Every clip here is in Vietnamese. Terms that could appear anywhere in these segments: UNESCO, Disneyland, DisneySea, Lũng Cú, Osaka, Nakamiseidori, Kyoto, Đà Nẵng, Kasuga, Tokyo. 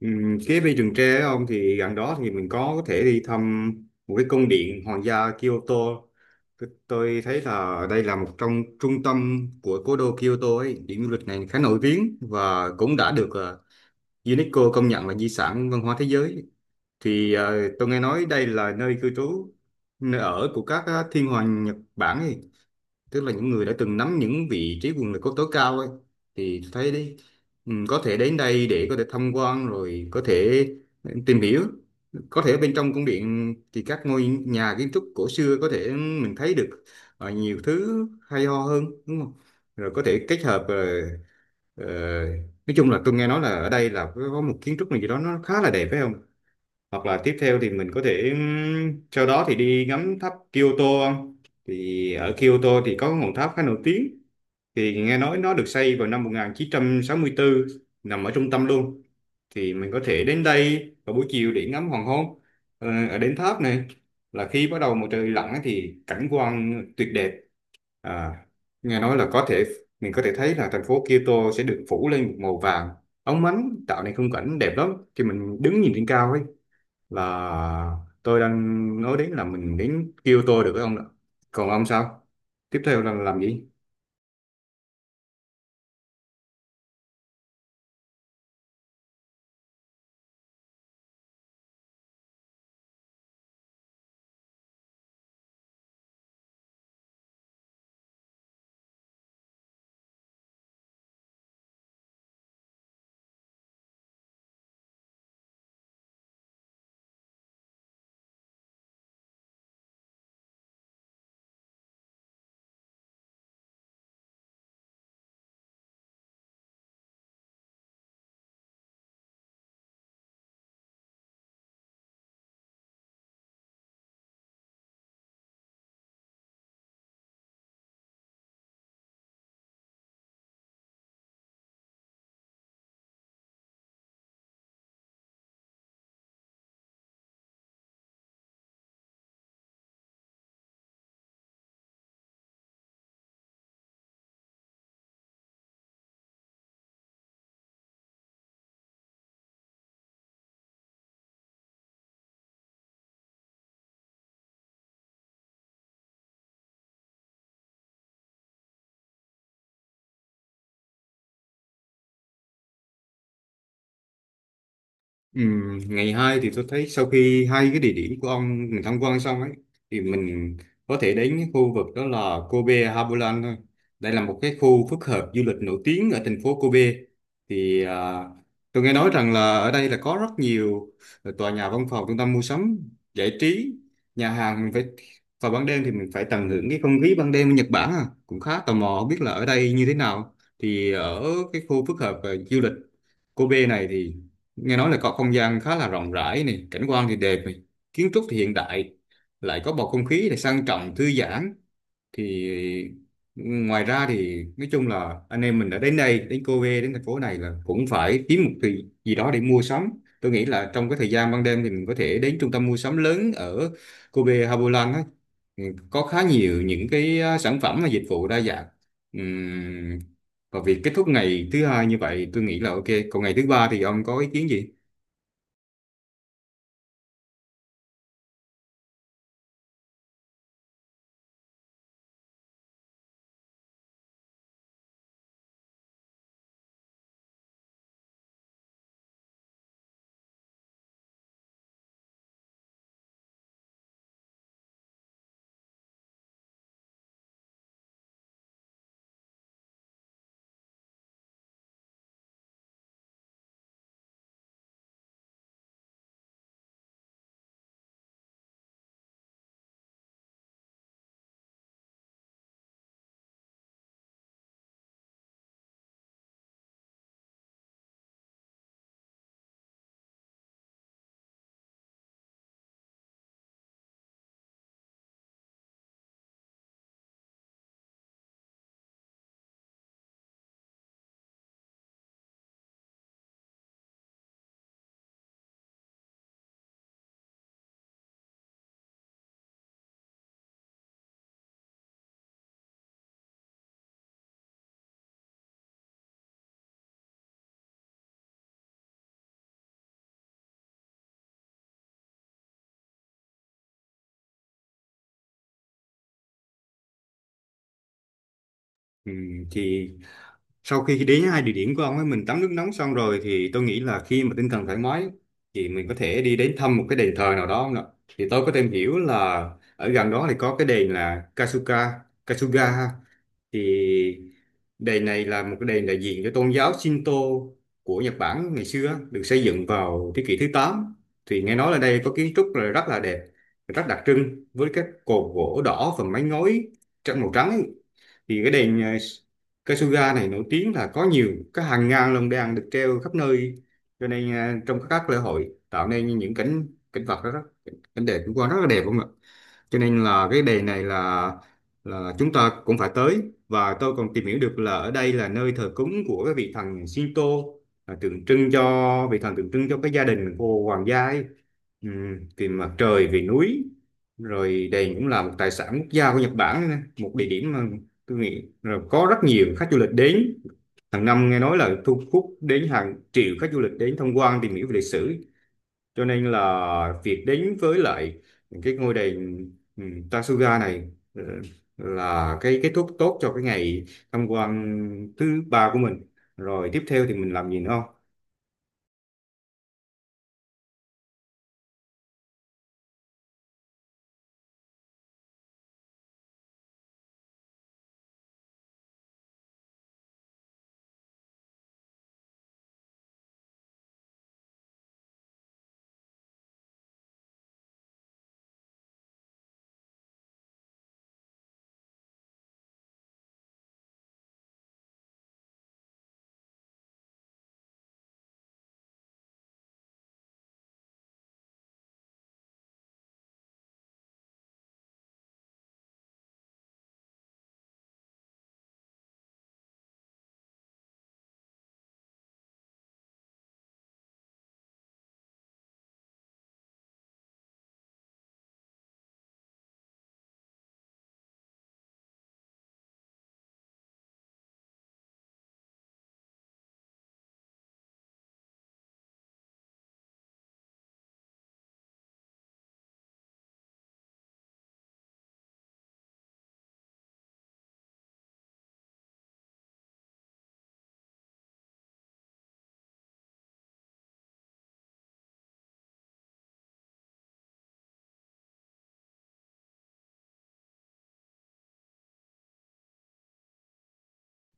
Cái bê Rừng Tre ông thì gần đó thì mình có thể đi thăm một cái cung điện hoàng gia Kyoto. Tôi thấy là đây là một trong trung tâm của cố đô Kyoto ấy. Điểm du lịch này khá nổi tiếng và cũng đã được UNESCO công nhận là di sản văn hóa thế giới. Thì tôi nghe nói đây là nơi cư trú, nơi ở của các thiên hoàng Nhật Bản ấy, tức là những người đã từng nắm những vị trí quyền lực có tối cao ấy. Thì tôi thấy đấy, ừ, có thể đến đây để có thể tham quan rồi có thể tìm hiểu. Có thể bên trong cung điện thì các ngôi nhà kiến trúc cổ xưa có thể mình thấy được nhiều thứ hay ho hơn, đúng không? Rồi có thể kết hợp ờ, nói chung là tôi nghe nói là ở đây là có một kiến trúc này gì đó nó khá là đẹp, phải không? Hoặc là tiếp theo thì mình có thể, sau đó thì đi ngắm tháp Kyoto không? Thì ở Kyoto thì có ngọn tháp khá nổi tiếng, thì nghe nói nó được xây vào năm 1964, nằm ở trung tâm luôn. Thì mình có thể đến đây vào buổi chiều để ngắm hoàng hôn. Ở đến tháp này, là khi bắt đầu mặt trời lặn ấy thì cảnh quan tuyệt đẹp. À, nghe nói là có thể mình có thể thấy là thành phố Kyoto sẽ được phủ lên một màu vàng óng ánh, tạo nên khung cảnh đẹp lắm khi mình đứng nhìn trên cao ấy. Là tôi đang nói đến là mình đến kêu tôi được cái ông đó. Còn ông sao, tiếp theo là làm gì? Ngày 2 thì tôi thấy sau khi hai cái địa điểm của ông mình tham quan xong ấy thì mình có thể đến cái khu vực đó là Kobe Harbourland thôi. Đây là một cái khu phức hợp du lịch nổi tiếng ở thành phố Kobe. Thì à, tôi nghe nói rằng là ở đây là có rất nhiều tòa nhà văn phòng, trung tâm mua sắm, giải trí, nhà hàng. Mình phải vào ban đêm thì mình phải tận hưởng cái không khí ban đêm ở Nhật Bản à. Cũng khá tò mò không biết là ở đây như thế nào. Thì ở cái khu phức hợp à, du lịch Kobe này thì nghe nói là có không gian khá là rộng rãi này, cảnh quan thì đẹp này, kiến trúc thì hiện đại, lại có bầu không khí này sang trọng thư giãn. Thì ngoài ra thì nói chung là anh em mình đã đến đây, đến Cô Vê, đến thành phố này là cũng phải kiếm một thứ gì đó để mua sắm. Tôi nghĩ là trong cái thời gian ban đêm thì mình có thể đến trung tâm mua sắm lớn ở Cô Vê Hà á. Ừ, có khá nhiều những cái sản phẩm và dịch vụ đa dạng. Ừm, và việc kết thúc ngày thứ hai như vậy tôi nghĩ là ok. Còn ngày thứ ba thì ông có ý kiến gì? Ừ, thì sau khi đến hai địa điểm của ông ấy mình tắm nước nóng xong rồi thì tôi nghĩ là khi mà tinh thần thoải mái thì mình có thể đi đến thăm một cái đền thờ nào đó không ạ? Thì tôi có tìm hiểu là ở gần đó thì có cái đền là Kasuga, Kasuga ha. Thì đền này là một cái đền đại diện cho tôn giáo Shinto của Nhật Bản ngày xưa, được xây dựng vào thế kỷ thứ tám. Thì nghe nói là đây có kiến trúc là rất là đẹp, rất đặc trưng với các cột gỗ đỏ và mái ngói trắng màu trắng ấy. Thì cái đền Cây Suga này nổi tiếng là có nhiều cái hàng ngàn lồng đèn được treo khắp nơi, cho nên à, trong các lễ hội tạo nên những cảnh cảnh vật đó, rất cảnh đẹp cũng qua rất là đẹp không ạ. Cho nên là cái đề này là chúng ta cũng phải tới. Và tôi còn tìm hiểu được là ở đây là nơi thờ cúng của cái vị thần Shinto, là tượng trưng cho vị thần tượng trưng cho cái gia đình của hoàng gia ấy. Vì mặt trời vì núi, rồi đền cũng là một tài sản quốc gia của Nhật Bản nữa nè. Một địa điểm mà tôi nghĩ rồi có rất nhiều khách du lịch đến hàng năm, nghe nói là thu hút đến hàng triệu khách du lịch đến tham quan tìm hiểu về lịch sử. Cho nên là việc đến với lại cái ngôi đền, ừ, Tasuga này, ừ, là cái kết thúc tốt cho cái ngày tham quan thứ ba của mình. Rồi tiếp theo thì mình làm gì nữa không?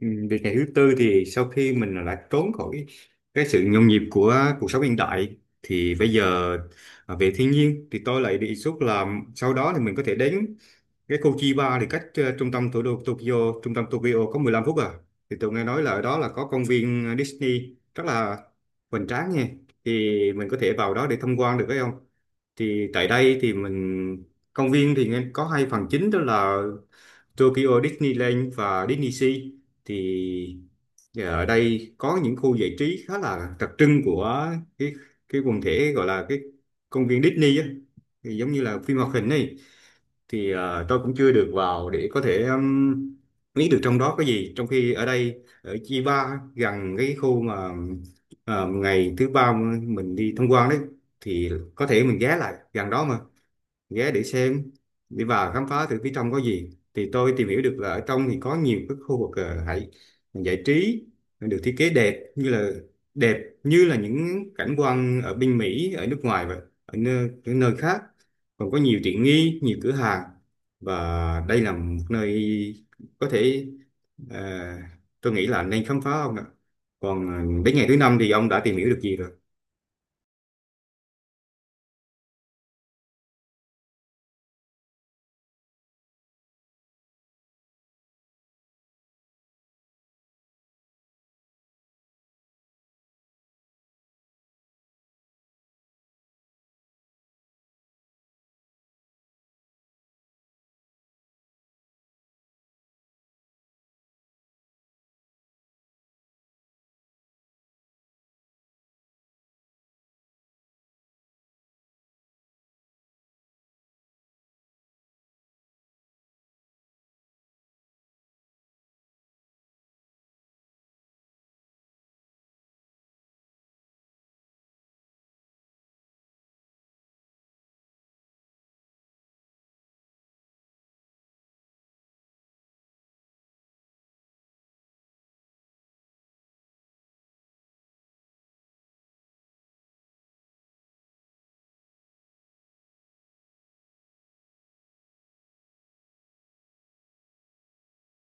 Ừ, việc ngày thứ tư thì sau khi mình đã trốn khỏi cái sự nhộn nhịp của cuộc sống hiện đại thì bây giờ à, về thiên nhiên thì tôi lại đề xuất là sau đó thì mình có thể đến cái khu Chiba, thì cách trung tâm thủ đô Tokyo, trung tâm Tokyo có 15 phút à. Thì tôi nghe nói là ở đó là có công viên Disney rất là hoành tráng nha. Thì mình có thể vào đó để tham quan được phải không? Thì tại đây thì mình, công viên thì nghe có hai phần chính đó là Tokyo Disneyland và DisneySea. Thì ở đây có những khu giải trí khá là đặc trưng của cái cái quần thể gọi là cái công viên Disney á. Thì giống như là phim hoạt hình này. Thì tôi cũng chưa được vào để có thể biết được trong đó có gì, trong khi ở đây ở Chiba gần cái khu mà ngày thứ ba mình đi tham quan đấy. Thì có thể mình ghé lại gần đó mà ghé để xem, đi vào khám phá thử phía trong có gì. Thì tôi tìm hiểu được là ở trong thì có nhiều cái khu vực hãy giải trí, được thiết kế đẹp như là những cảnh quan ở bên Mỹ, ở nước ngoài và ở nơi khác. Còn có nhiều tiện nghi, nhiều cửa hàng, và đây là một nơi có thể, ờ, tôi nghĩ là nên khám phá ông ạ. Còn ờ, đến ngày thứ năm thì ông đã tìm hiểu được gì rồi?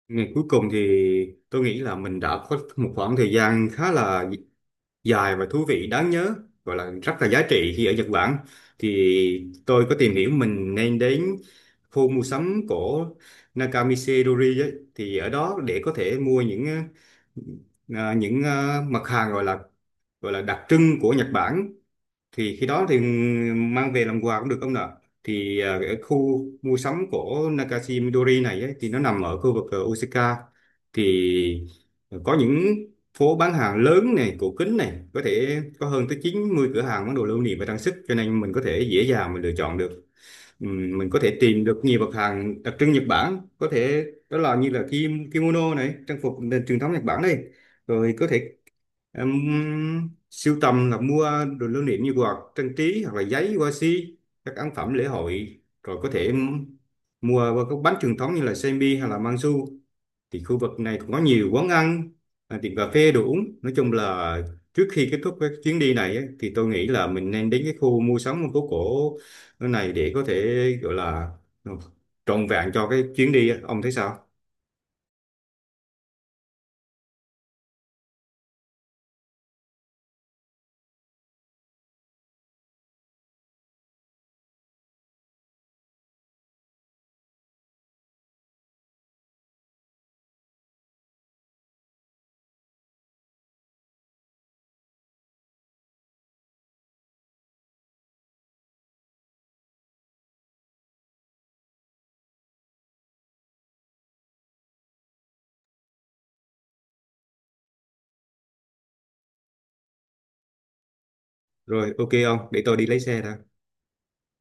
Ngày cuối cùng thì tôi nghĩ là mình đã có một khoảng thời gian khá là dài và thú vị đáng nhớ, gọi là rất là giá trị khi ở Nhật Bản. Thì tôi có tìm hiểu mình nên đến khu mua sắm của Nakamiseidori ấy, thì ở đó để có thể mua những mặt hàng gọi là đặc trưng của Nhật Bản. Thì khi đó thì mang về làm quà cũng được ông nè. Thì à, ở khu mua sắm của Nakashi Midori này ấy, thì nó nằm ở khu vực Osaka. Thì có những phố bán hàng lớn này cổ kính này, có thể có hơn tới 90 cửa hàng bán đồ lưu niệm và trang sức, cho nên mình có thể dễ dàng mình lựa chọn được. Mình có thể tìm được nhiều mặt hàng đặc trưng Nhật Bản, có thể đó là như là kim- kimono này, trang phục nền truyền thống Nhật Bản đây. Rồi có thể em sưu tầm là mua đồ lưu niệm như quạt trang trí hoặc là giấy hoa si, các ấn phẩm lễ hội. Rồi có thể em mua qua các bánh truyền thống như là semi hay là mangsu. Thì khu vực này cũng có nhiều quán ăn, à, tiệm cà phê đồ uống. Nói chung là trước khi kết thúc cái chuyến đi này ấy, thì tôi nghĩ là mình nên đến cái khu mua sắm phố cổ này để có thể gọi là trọn vẹn cho cái chuyến đi á. Ông thấy sao? Rồi ok ông, để tôi đi lấy xe đã.